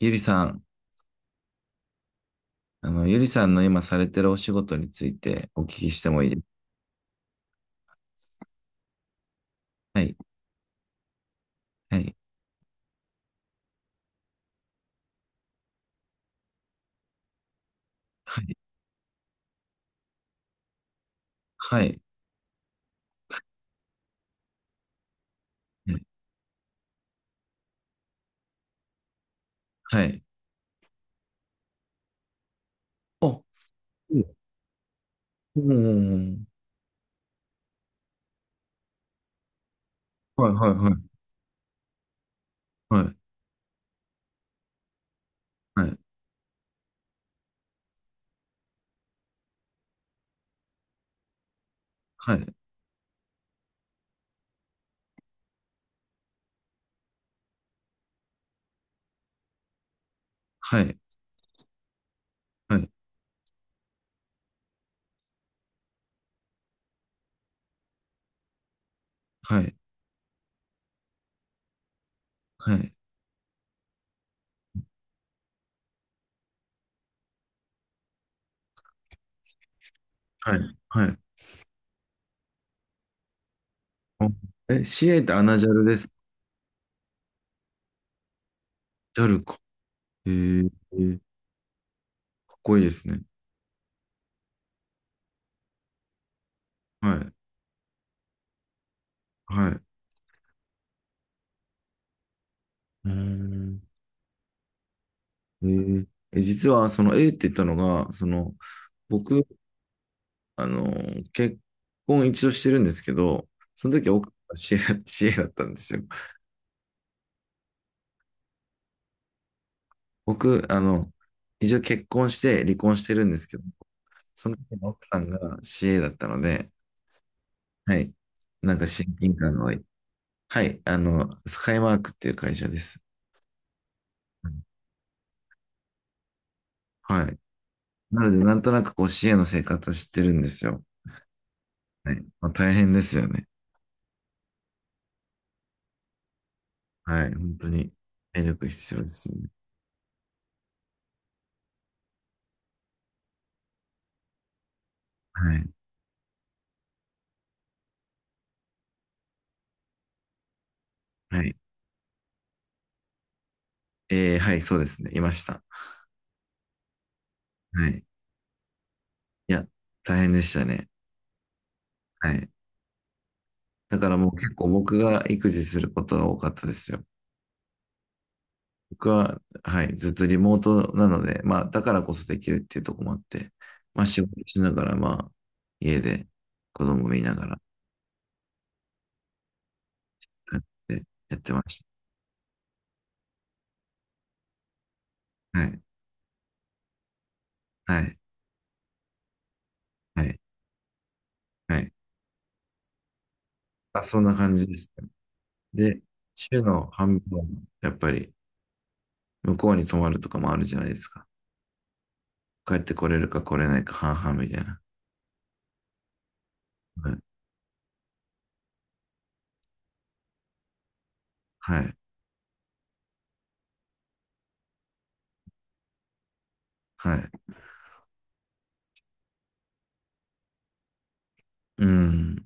ゆりさん、ゆりさんの今されてるお仕事についてお聞きしてもいいですか？はい、はい、はい、はい、はい。あ、うんうん。はい、はい、はい、はい、はい、はい、はい、はい、はい、はい、はい、はい。あ、え、CA ってアナジャルですジャルか。えー、えー、かっこいいですね。はい、はい。うーん。えーえ、実は、その A って言ったのが、僕、あの、結婚一度してるんですけど、その時奥さんが知恵だ、知恵だったんですよ。僕、一応結婚して離婚してるんですけど、奥さんが CA だったので、はい。なんか親近感が湧いて。はい。スカイマークっていう会社です。うん。はい。なので、なんとなくこう CA の生活を知ってるんですよ。はい。まあ、大変ですよね。はい。本当に、体力必要ですよね。はい。はい。はい、そうですね。いました。はい。いや、大変でしたね。はい。だからもう結構僕が育児することが多かったですよ。僕は、はい、ずっとリモートなので、まあ、だからこそできるっていうところもあって、まあ、仕事しながら、まあ、家で子供見ながらやってやってました。はい、はい、はい、はい。あ、そんな感じですね。で、週の半分は、やっぱり、向こうに泊まるとかもあるじゃないですか。帰ってこれるか来れないか半々みたいな。はい、はい、はい。うん、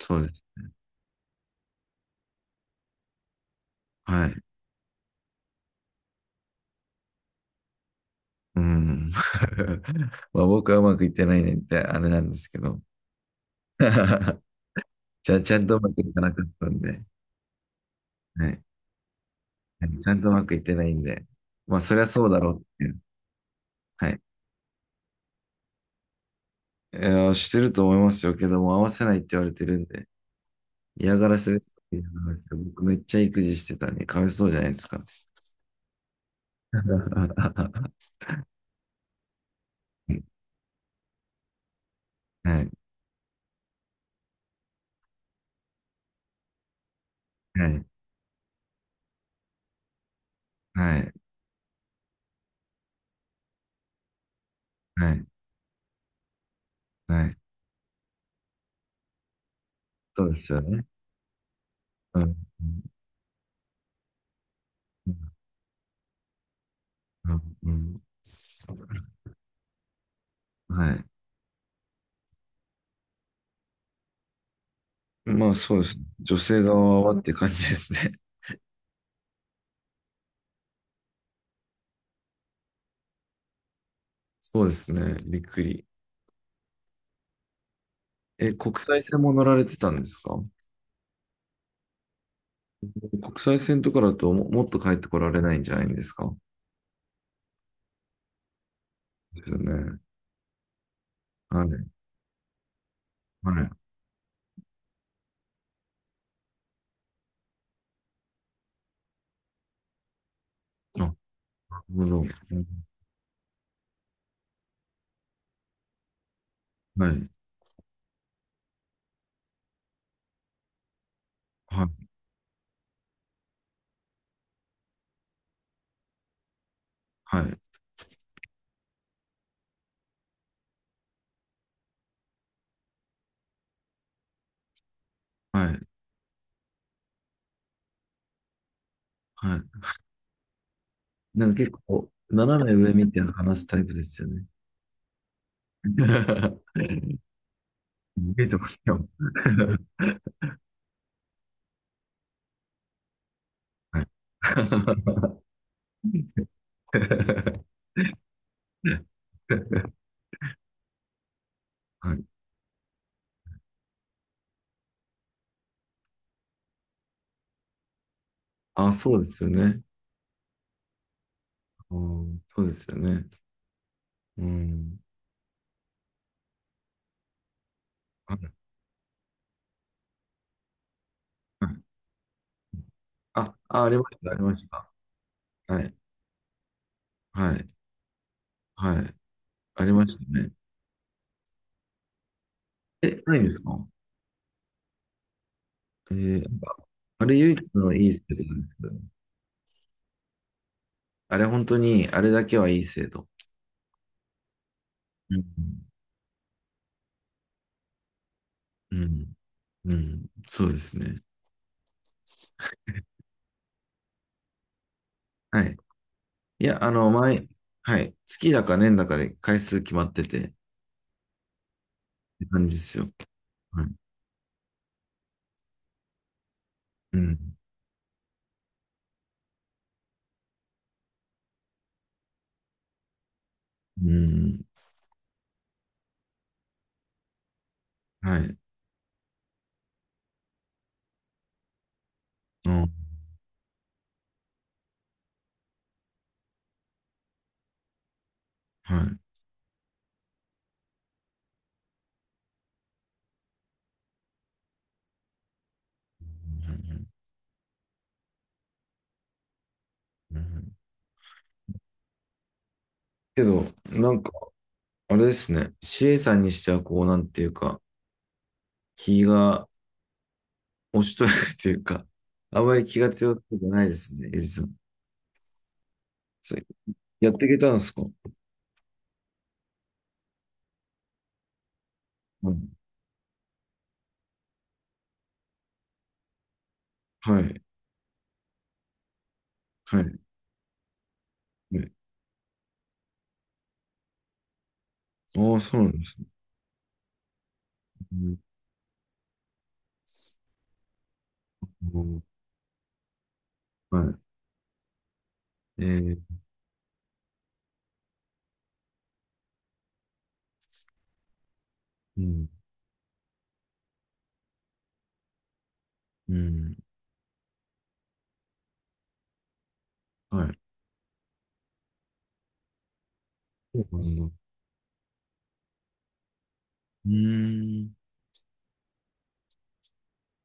そうです。はい。うん。まあ僕はうまくいってないねってあれなんですけど。じゃあちゃんとうまくいかなかったんで。はい。ちゃんとうまくいってないんで。まあそりゃそうだろうっていう。はい。してると思いますよけども、合わせないって言われてるんで。嫌がらせです嫌がらせ。僕めっちゃ育児してたんで、かわいそうじゃないですか。はい。はい。はい。はい。はい。はい。そうですよね。うん。うん。うん。うん。はい。まあそうですね。女性側はって感じですね。そうですね。びっくり。え、国際線も乗られてたんですか？国際線とかだとも、もっと帰ってこられないんじゃないんですか？ですよね。はい。はい。あ、なるほど。はい。はい。はい。はい。はい。なんか結構、斜め上見て話すタイプですよね。見えてますよ。はい。はい。あ、そうですよね。うん、そうですよね。うん。はい。はい。あ、あ、ありました、ありました。はい、はい、はい、ありましたね。え、ないんですか？なんか、あれ唯一のいい生徒なんですけどね。あれ本当に、あれだけはいい生徒。うん、うん、うん、そうですね。はい。いや、前、はい、月だか年だかで回数決まってて、って感じですよ。はい。うん、うん、はい。うん、はい。うん、うん、うん、けど、なんか、あれですね。CA さんにしては、こう、なんていうか、気が押しとやかというか、あまり気が強くないですね、ゆりさん。それやっていけたんですか？うん。はい。はい。ね。ああ、そうなんですね。うん、うん、はい。ー、うん。うん。はい。そうなんだ。うーん。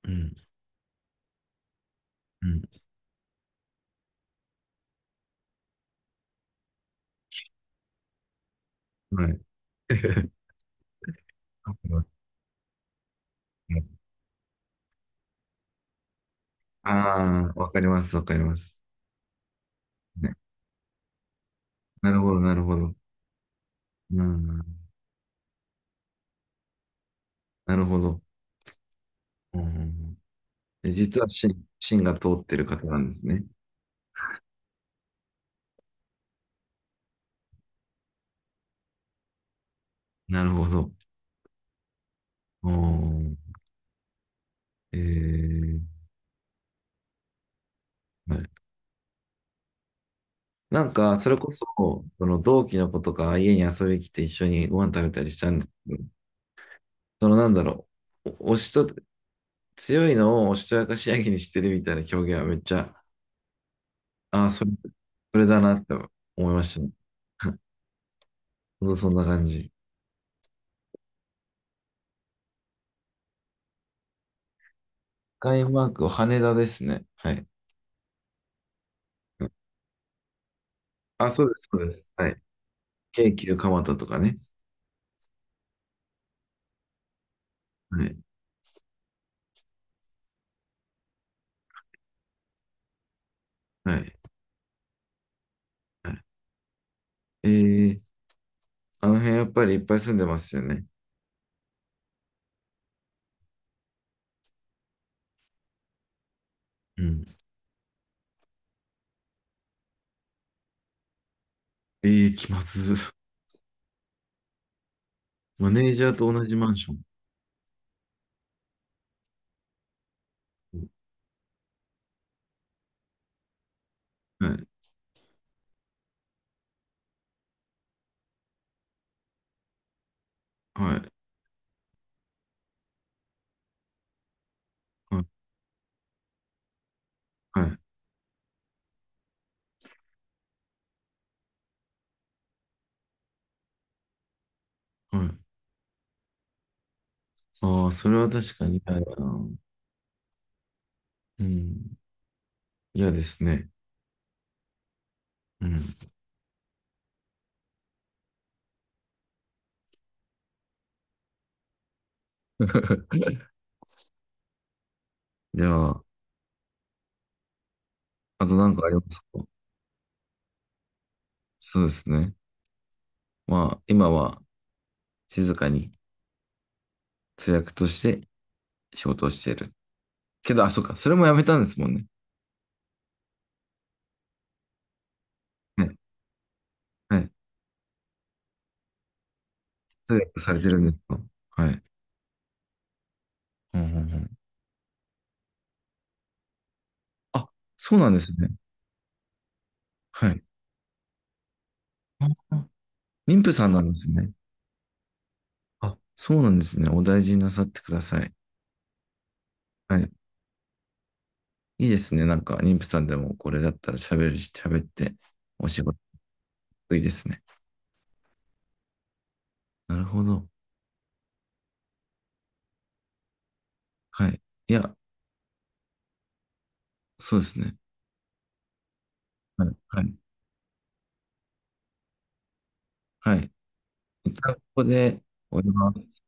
うん。うん。はい。ああ、わかります、わかります。ね。なるほど、なるほど。うん。なるほど。うん。で、実は芯が通ってる方なんですね。なるほど。おー。えーはい、なんか、それこそ、その同期の子とか家に遊びに来て一緒にご飯食べたりしたんですけど、なんだろう、おおしと、強いのをおしとやかしやきにしてるみたいな表現はめっちゃ、ああ、それだなって思いましたね。そう、そんな感じ。スカイマークは羽田ですね。はい。あ、そうです、そうです。はい。京急蒲田とかね。はい。はい。はい。えーあの辺やっぱりいっぱい住んでますよね。うん。ええ、気まず。マネージャーと同じマンション。はい。はい。はい。はい。はい。ああー、それは確かに嫌だな。うん。嫌ですね。うん。じゃあ、あと何かありますか？そうですね。まあ、今は静かに通訳として仕事をしている。けど、あ、そうか。それもやめたんですもんね。はい。はい。通訳されてるんですか？はい。うん、うん、うん。あ、そうなんですね。はい。あ、妊婦さんなんですね。あ、そうなんですね。お大事になさってください。はい。いいですね。なんか、妊婦さんでもこれだったら喋るし、喋って、お仕事得意ですね。なるほど。はい。いや、そうですね。はい。はい。はい。一旦ここで終わります。